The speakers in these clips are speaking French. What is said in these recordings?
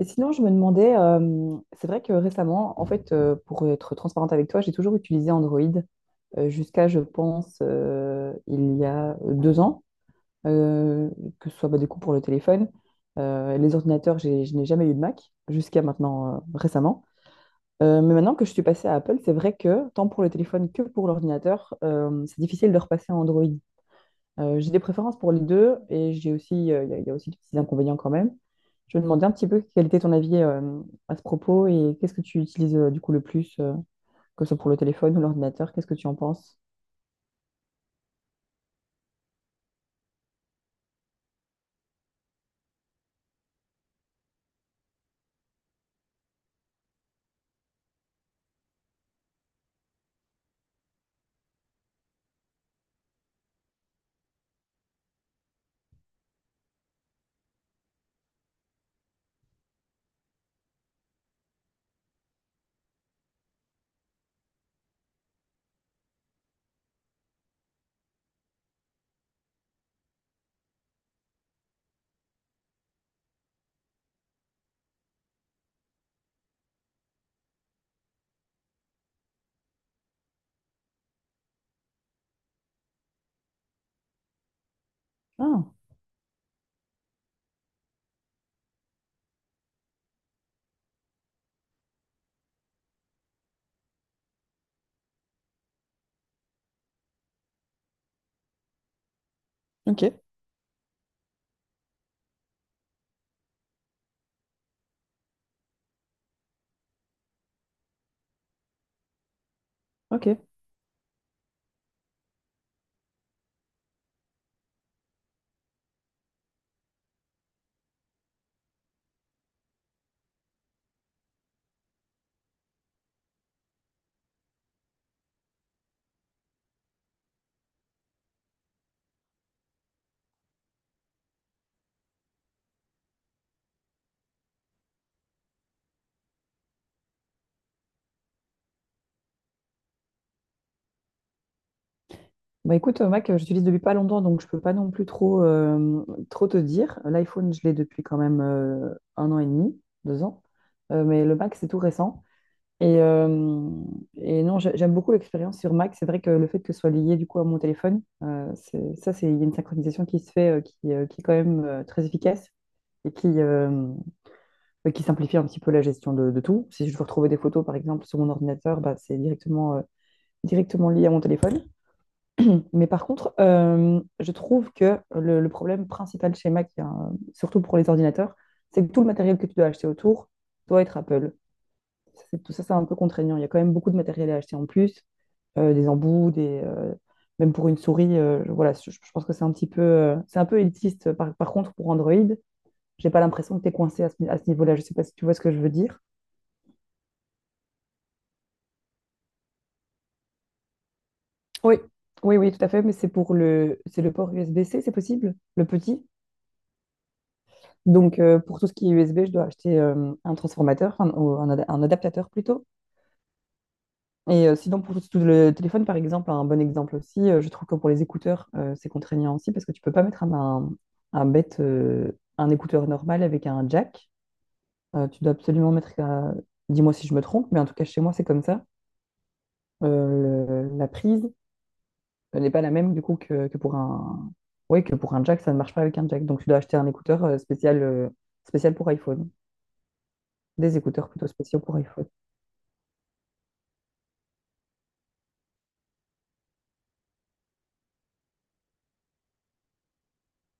Et sinon, je me demandais, c'est vrai que récemment, en fait, pour être transparente avec toi, j'ai toujours utilisé Android jusqu'à, je pense, il y a deux ans, euh, que ce soit bah, du coup pour le téléphone. Les ordinateurs, je n'ai jamais eu de Mac jusqu'à maintenant, récemment. Mais maintenant que je suis passée à Apple, c'est vrai que tant pour le téléphone que pour l'ordinateur, c'est difficile de repasser à Android. J'ai des préférences pour les deux et j'ai aussi, il y a aussi des petits inconvénients quand même. Je me demandais un petit peu quel était ton avis à ce propos et qu'est-ce que tu utilises du coup le plus, que ce soit pour le téléphone ou l'ordinateur, qu'est-ce que tu en penses? Ah, ok, ok. Bah écoute, Mac, j'utilise depuis pas longtemps, donc je peux pas non plus trop, trop te dire. L'iPhone, je l'ai depuis quand même un an et demi, deux ans. Mais le Mac, c'est tout récent. Et, euh, et non, j'aime beaucoup l'expérience sur Mac. C'est vrai que le fait que ce soit lié du coup à mon téléphone, ça, c'est il y a une synchronisation qui se fait, qui est quand même très efficace et qui simplifie un petit peu la gestion de tout. Si je veux retrouver des photos, par exemple, sur mon ordinateur, bah, c'est directement, directement lié à mon téléphone. Mais par contre, je trouve que le problème principal chez Mac, hein, surtout pour les ordinateurs, c'est que tout le matériel que tu dois acheter autour doit être Apple, tout ça, c'est un peu contraignant. Il y a quand même beaucoup de matériel à acheter en plus, des embouts, même pour une souris. Voilà, je pense que c'est un petit peu, c'est un peu élitiste. Par contre, pour Android, j'ai pas l'impression que tu es coincé à ce niveau-là. Je sais pas si tu vois ce que je veux dire. Oui. Oui, oui, tout à fait, mais c'est pour le, c'est le port USB-C, c'est possible, le petit. Donc, pour tout ce qui est USB, je dois acheter un transformateur, un, ou un ad- un adaptateur plutôt. Et sinon, pour tout le téléphone, par exemple, un bon exemple aussi, je trouve que pour les écouteurs, c'est contraignant aussi parce que tu peux pas mettre un bête, un écouteur normal avec un jack. Tu dois absolument mettre, dis-moi si je me trompe, mais en tout cas, chez moi, c'est comme ça. La prise n'est pas la même du coup que pour un... Ouais, que pour un jack, ça ne marche pas avec un jack. Donc, tu dois acheter un écouteur spécial, spécial pour iPhone. Des écouteurs plutôt spéciaux pour iPhone.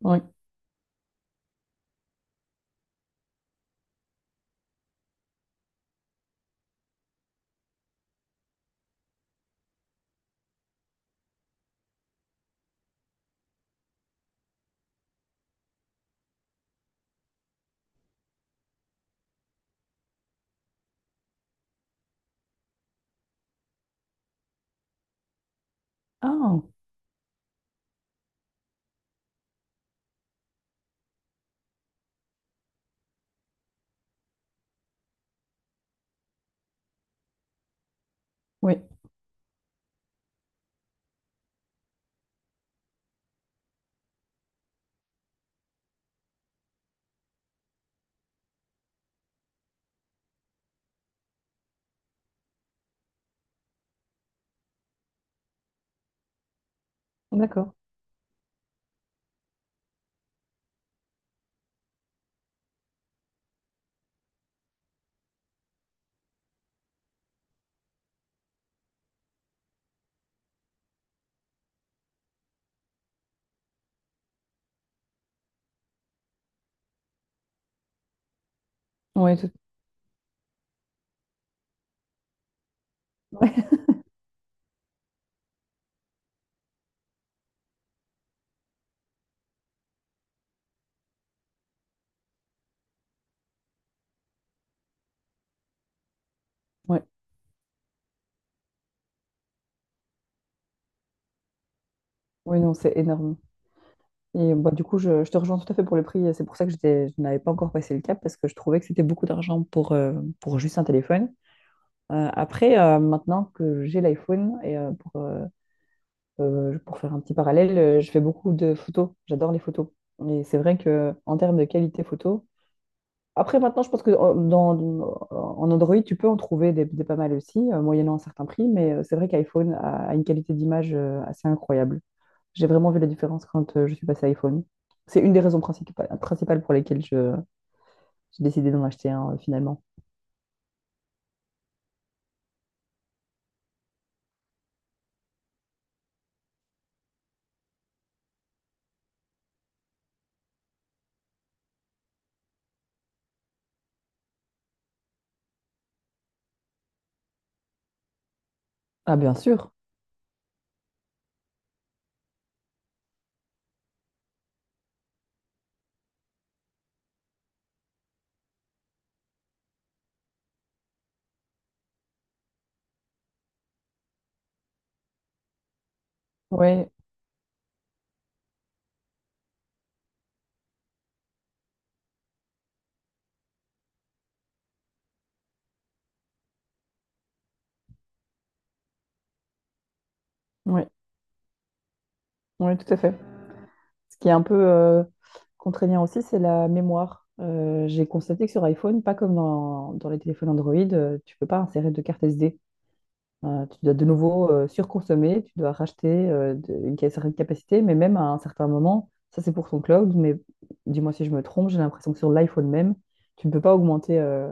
Oui. Ah, oui, d'accord. Oui, tout... ouais. Oui, non, c'est énorme. Et bah, du coup, je te rejoins tout à fait pour le prix. C'est pour ça que je n'avais pas encore passé le cap parce que je trouvais que c'était beaucoup d'argent pour juste un téléphone. Après, maintenant que j'ai l'iPhone, et pour faire un petit parallèle, je fais beaucoup de photos. J'adore les photos. Et c'est vrai que en termes de qualité photo, après maintenant, je pense que en Android, tu peux en trouver des pas mal aussi, moyennant un certain prix, mais c'est vrai qu'iPhone a une qualité d'image assez incroyable. J'ai vraiment vu la différence quand je suis passée à iPhone. C'est une des raisons principales pour lesquelles j'ai décidé d'en acheter un finalement. Ah, bien sûr. Oui, oui, oui, tout à fait. Ce qui est un peu contraignant aussi, c'est la mémoire. J'ai constaté que sur iPhone, pas comme dans les téléphones Android, tu peux pas insérer de carte SD. Tu dois de nouveau surconsommer, tu dois racheter certaine capacité, mais même à un certain moment, ça c'est pour ton cloud, mais dis-moi si je me trompe, j'ai l'impression que sur l'iPhone même, tu ne peux pas augmenter euh,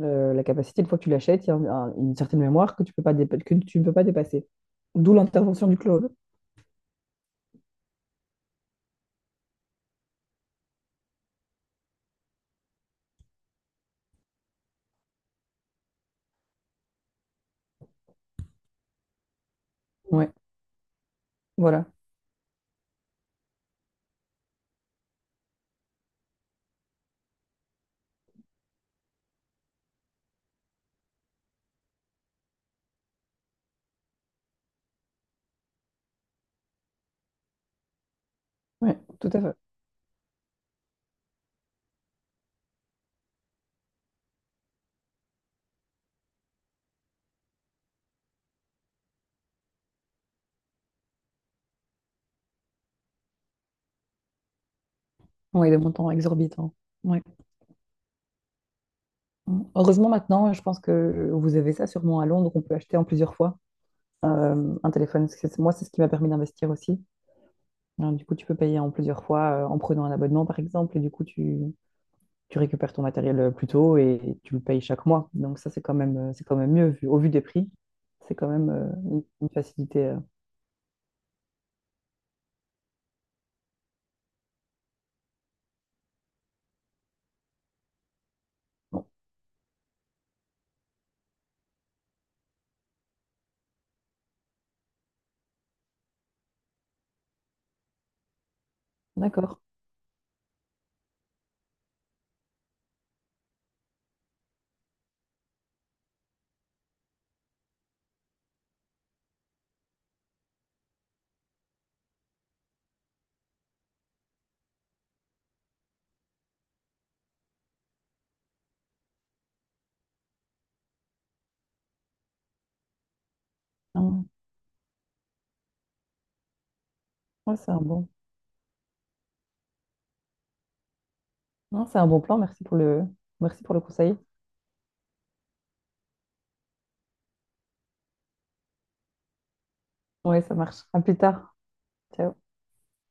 euh, la capacité. Une fois que tu l'achètes, il y a une certaine mémoire que tu peux pas dépa- que tu ne peux pas dépasser. D'où l'intervention du cloud. Ouais, voilà. Ouais, tout à fait. Ouais, des montants exorbitants. Ouais. Heureusement maintenant, je pense que vous avez ça sûrement à Londres, on peut acheter en plusieurs fois un téléphone. Moi, c'est ce qui m'a permis d'investir aussi. Alors, du coup, tu peux payer en plusieurs fois en prenant un abonnement, par exemple, et du coup, tu récupères ton matériel plus tôt et tu le payes chaque mois. Donc ça, c'est quand même mieux vu, au vu des prix. C'est quand même une facilité. Bon, d'accord. Ah ouais. Ouais, c'est un bon, non, c'est un bon plan. Merci pour le conseil. Oui, ça marche. À plus tard. Ciao.